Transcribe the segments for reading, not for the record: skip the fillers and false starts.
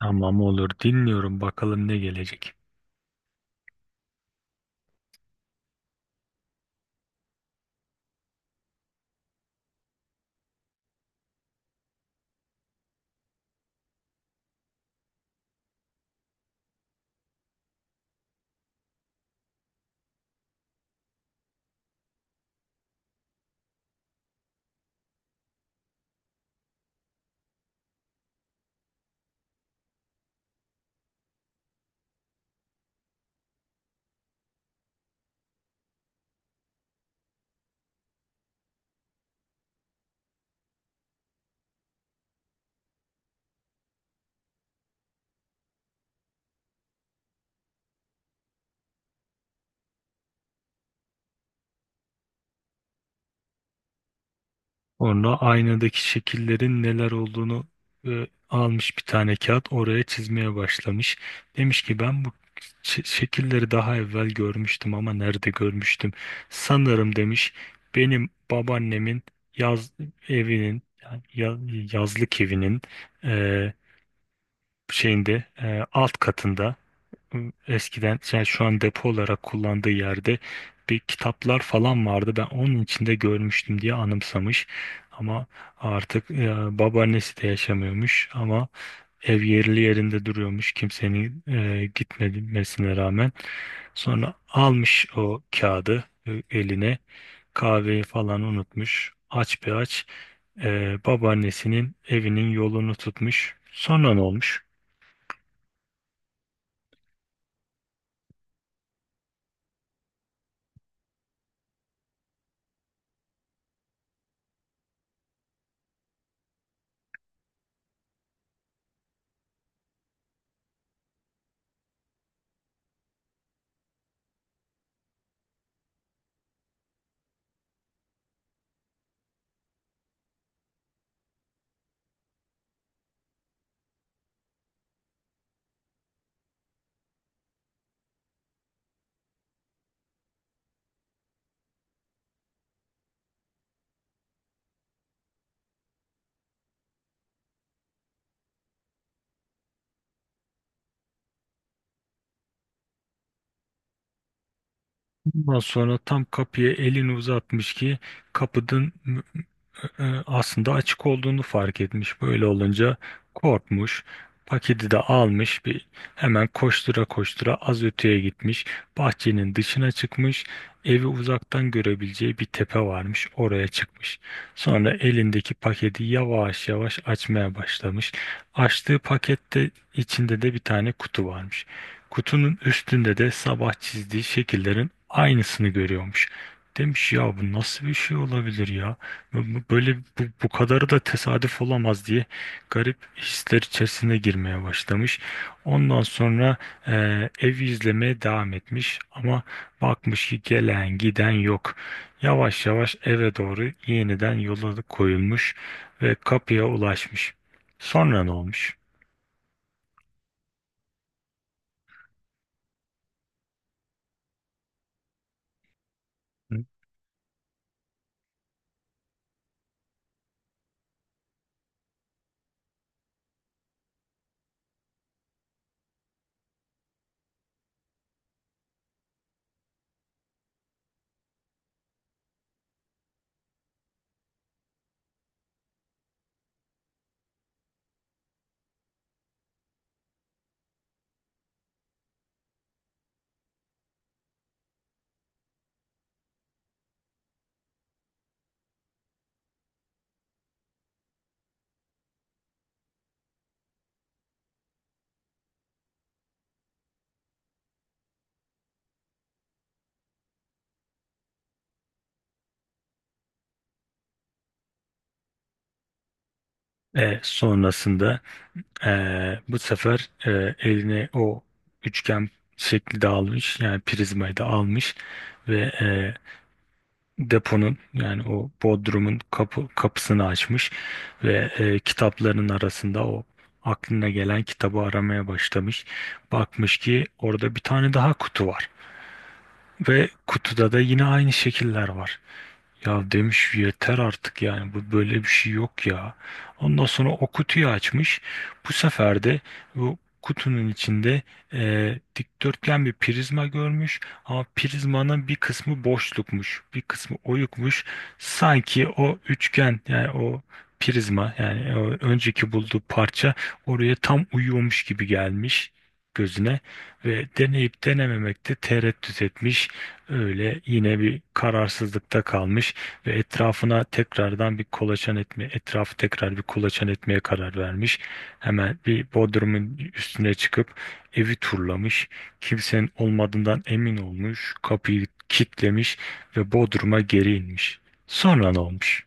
Tamam, olur, dinliyorum bakalım ne gelecek. Sonra aynadaki şekillerin neler olduğunu almış bir tane kağıt oraya çizmeye başlamış. Demiş ki ben bu şekilleri daha evvel görmüştüm ama nerede görmüştüm? Sanırım demiş benim babaannemin yaz evinin yazlık evinin e, şeyinde, alt katında, eskiden yani şu an depo olarak kullandığı yerde bir kitaplar falan vardı. Ben onun içinde görmüştüm diye anımsamış. Ama artık babaannesi de yaşamıyormuş ama ev yerli yerinde duruyormuş, kimsenin gitmemesine rağmen. Sonra almış o kağıdı eline, kahveyi falan unutmuş. Aç bir aç babaannesinin evinin yolunu tutmuş. Sonra ne olmuş? Ondan sonra tam kapıya elini uzatmış ki kapının aslında açık olduğunu fark etmiş. Böyle olunca korkmuş. Paketi de almış, bir hemen koştura koştura az öteye gitmiş. Bahçenin dışına çıkmış. Evi uzaktan görebileceği bir tepe varmış. Oraya çıkmış. Sonra elindeki paketi yavaş yavaş açmaya başlamış. Açtığı pakette içinde de bir tane kutu varmış. Kutunun üstünde de sabah çizdiği şekillerin aynısını görüyormuş. Demiş ya bu nasıl bir şey olabilir ya? Böyle bu kadarı da tesadüf olamaz diye garip hisler içerisine girmeye başlamış. Ondan sonra evi izlemeye devam etmiş ama bakmış ki gelen giden yok. Yavaş yavaş eve doğru yeniden yola koyulmuş ve kapıya ulaşmış. Sonra ne olmuş? Hı? Sonrasında bu sefer eline o üçgen şekli de almış, yani prizmayı da almış ve deponun yani o bodrumun kapısını açmış ve kitapların arasında o aklına gelen kitabı aramaya başlamış. Bakmış ki orada bir tane daha kutu var ve kutuda da yine aynı şekiller var. Ya demiş, yeter artık, yani bu, böyle bir şey yok ya. Ondan sonra o kutuyu açmış. Bu sefer de bu kutunun içinde dikdörtgen bir prizma görmüş ama prizmanın bir kısmı boşlukmuş, bir kısmı oyukmuş. Sanki o üçgen yani o prizma yani o önceki bulduğu parça oraya tam uyuyormuş gibi gelmiş gözüne ve deneyip denememekte tereddüt etmiş. Öyle yine bir kararsızlıkta kalmış ve etrafına tekrardan bir etrafı tekrar bir kolaçan etmeye karar vermiş. Hemen bir bodrumun üstüne çıkıp evi turlamış. Kimsenin olmadığından emin olmuş. Kapıyı kilitlemiş ve bodruma geri inmiş. Sonra ne olmuş?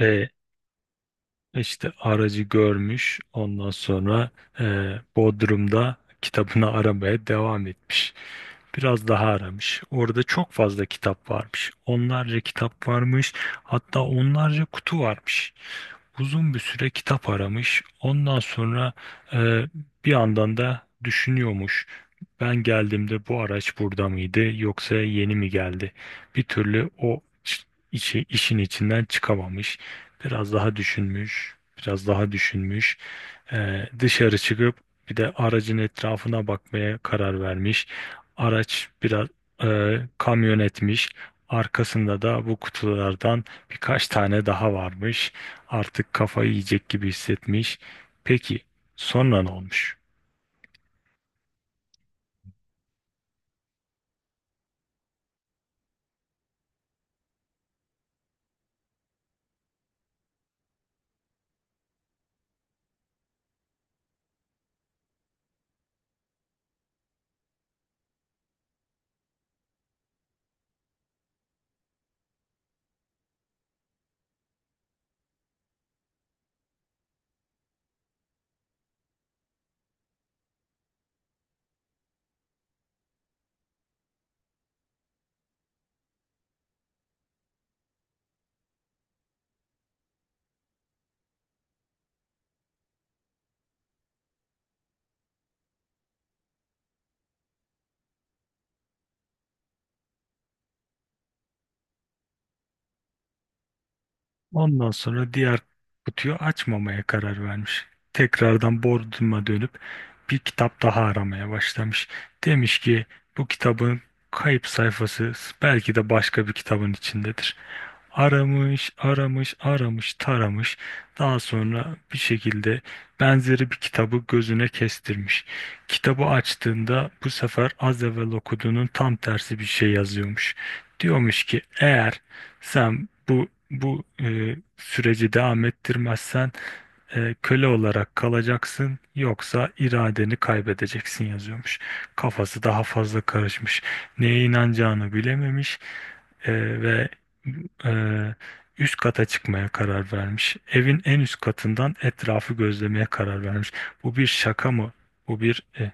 E, İşte aracı görmüş. Ondan sonra e, Bodrum'da kitabını aramaya devam etmiş. Biraz daha aramış. Orada çok fazla kitap varmış. Onlarca kitap varmış. Hatta onlarca kutu varmış. Uzun bir süre kitap aramış. Ondan sonra e, bir yandan da düşünüyormuş. Ben geldiğimde bu araç burada mıydı yoksa yeni mi geldi? Bir türlü işin içinden çıkamamış. Biraz daha düşünmüş, biraz daha düşünmüş. Dışarı çıkıp bir de aracın etrafına bakmaya karar vermiş. Araç biraz kamyon etmiş. Arkasında da bu kutulardan birkaç tane daha varmış. Artık kafayı yiyecek gibi hissetmiş. Peki sonra ne olmuş? Ondan sonra diğer kutuyu açmamaya karar vermiş. Tekrardan Bodrum'a dönüp bir kitap daha aramaya başlamış. Demiş ki bu kitabın kayıp sayfası belki de başka bir kitabın içindedir. Aramış, aramış, aramış, taramış. Daha sonra bir şekilde benzeri bir kitabı gözüne kestirmiş. Kitabı açtığında bu sefer az evvel okuduğunun tam tersi bir şey yazıyormuş. Diyormuş ki eğer sen bu süreci devam ettirmezsen köle olarak kalacaksın, yoksa iradeni kaybedeceksin yazıyormuş. Kafası daha fazla karışmış. Neye inanacağını bilememiş. Ve e, üst kata çıkmaya karar vermiş. Evin en üst katından etrafı gözlemeye karar vermiş. Bu bir şaka mı? Bu bir e,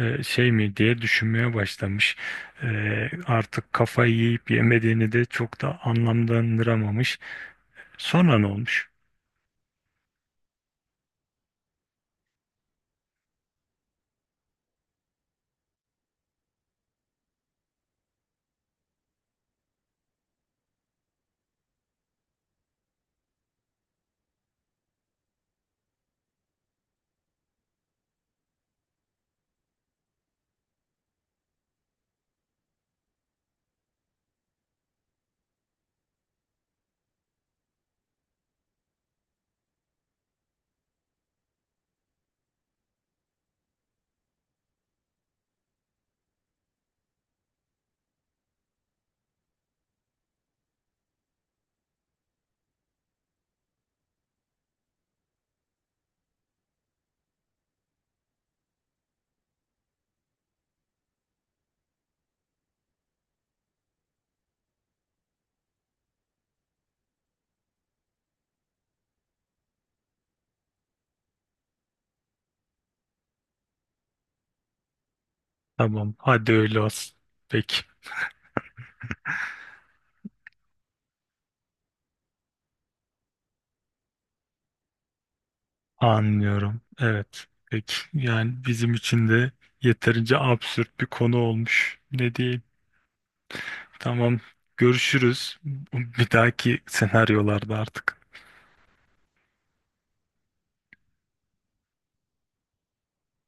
e, şey mi diye düşünmeye başlamış. Artık kafayı yiyip yemediğini de çok da anlamlandıramamış. Sonra ne olmuş? Tamam, hadi öyle olsun. Peki, anlıyorum. Evet, peki. Yani bizim için de yeterince absürt bir konu olmuş. Ne diyelim? Tamam. Görüşürüz. Bir dahaki senaryolarda artık.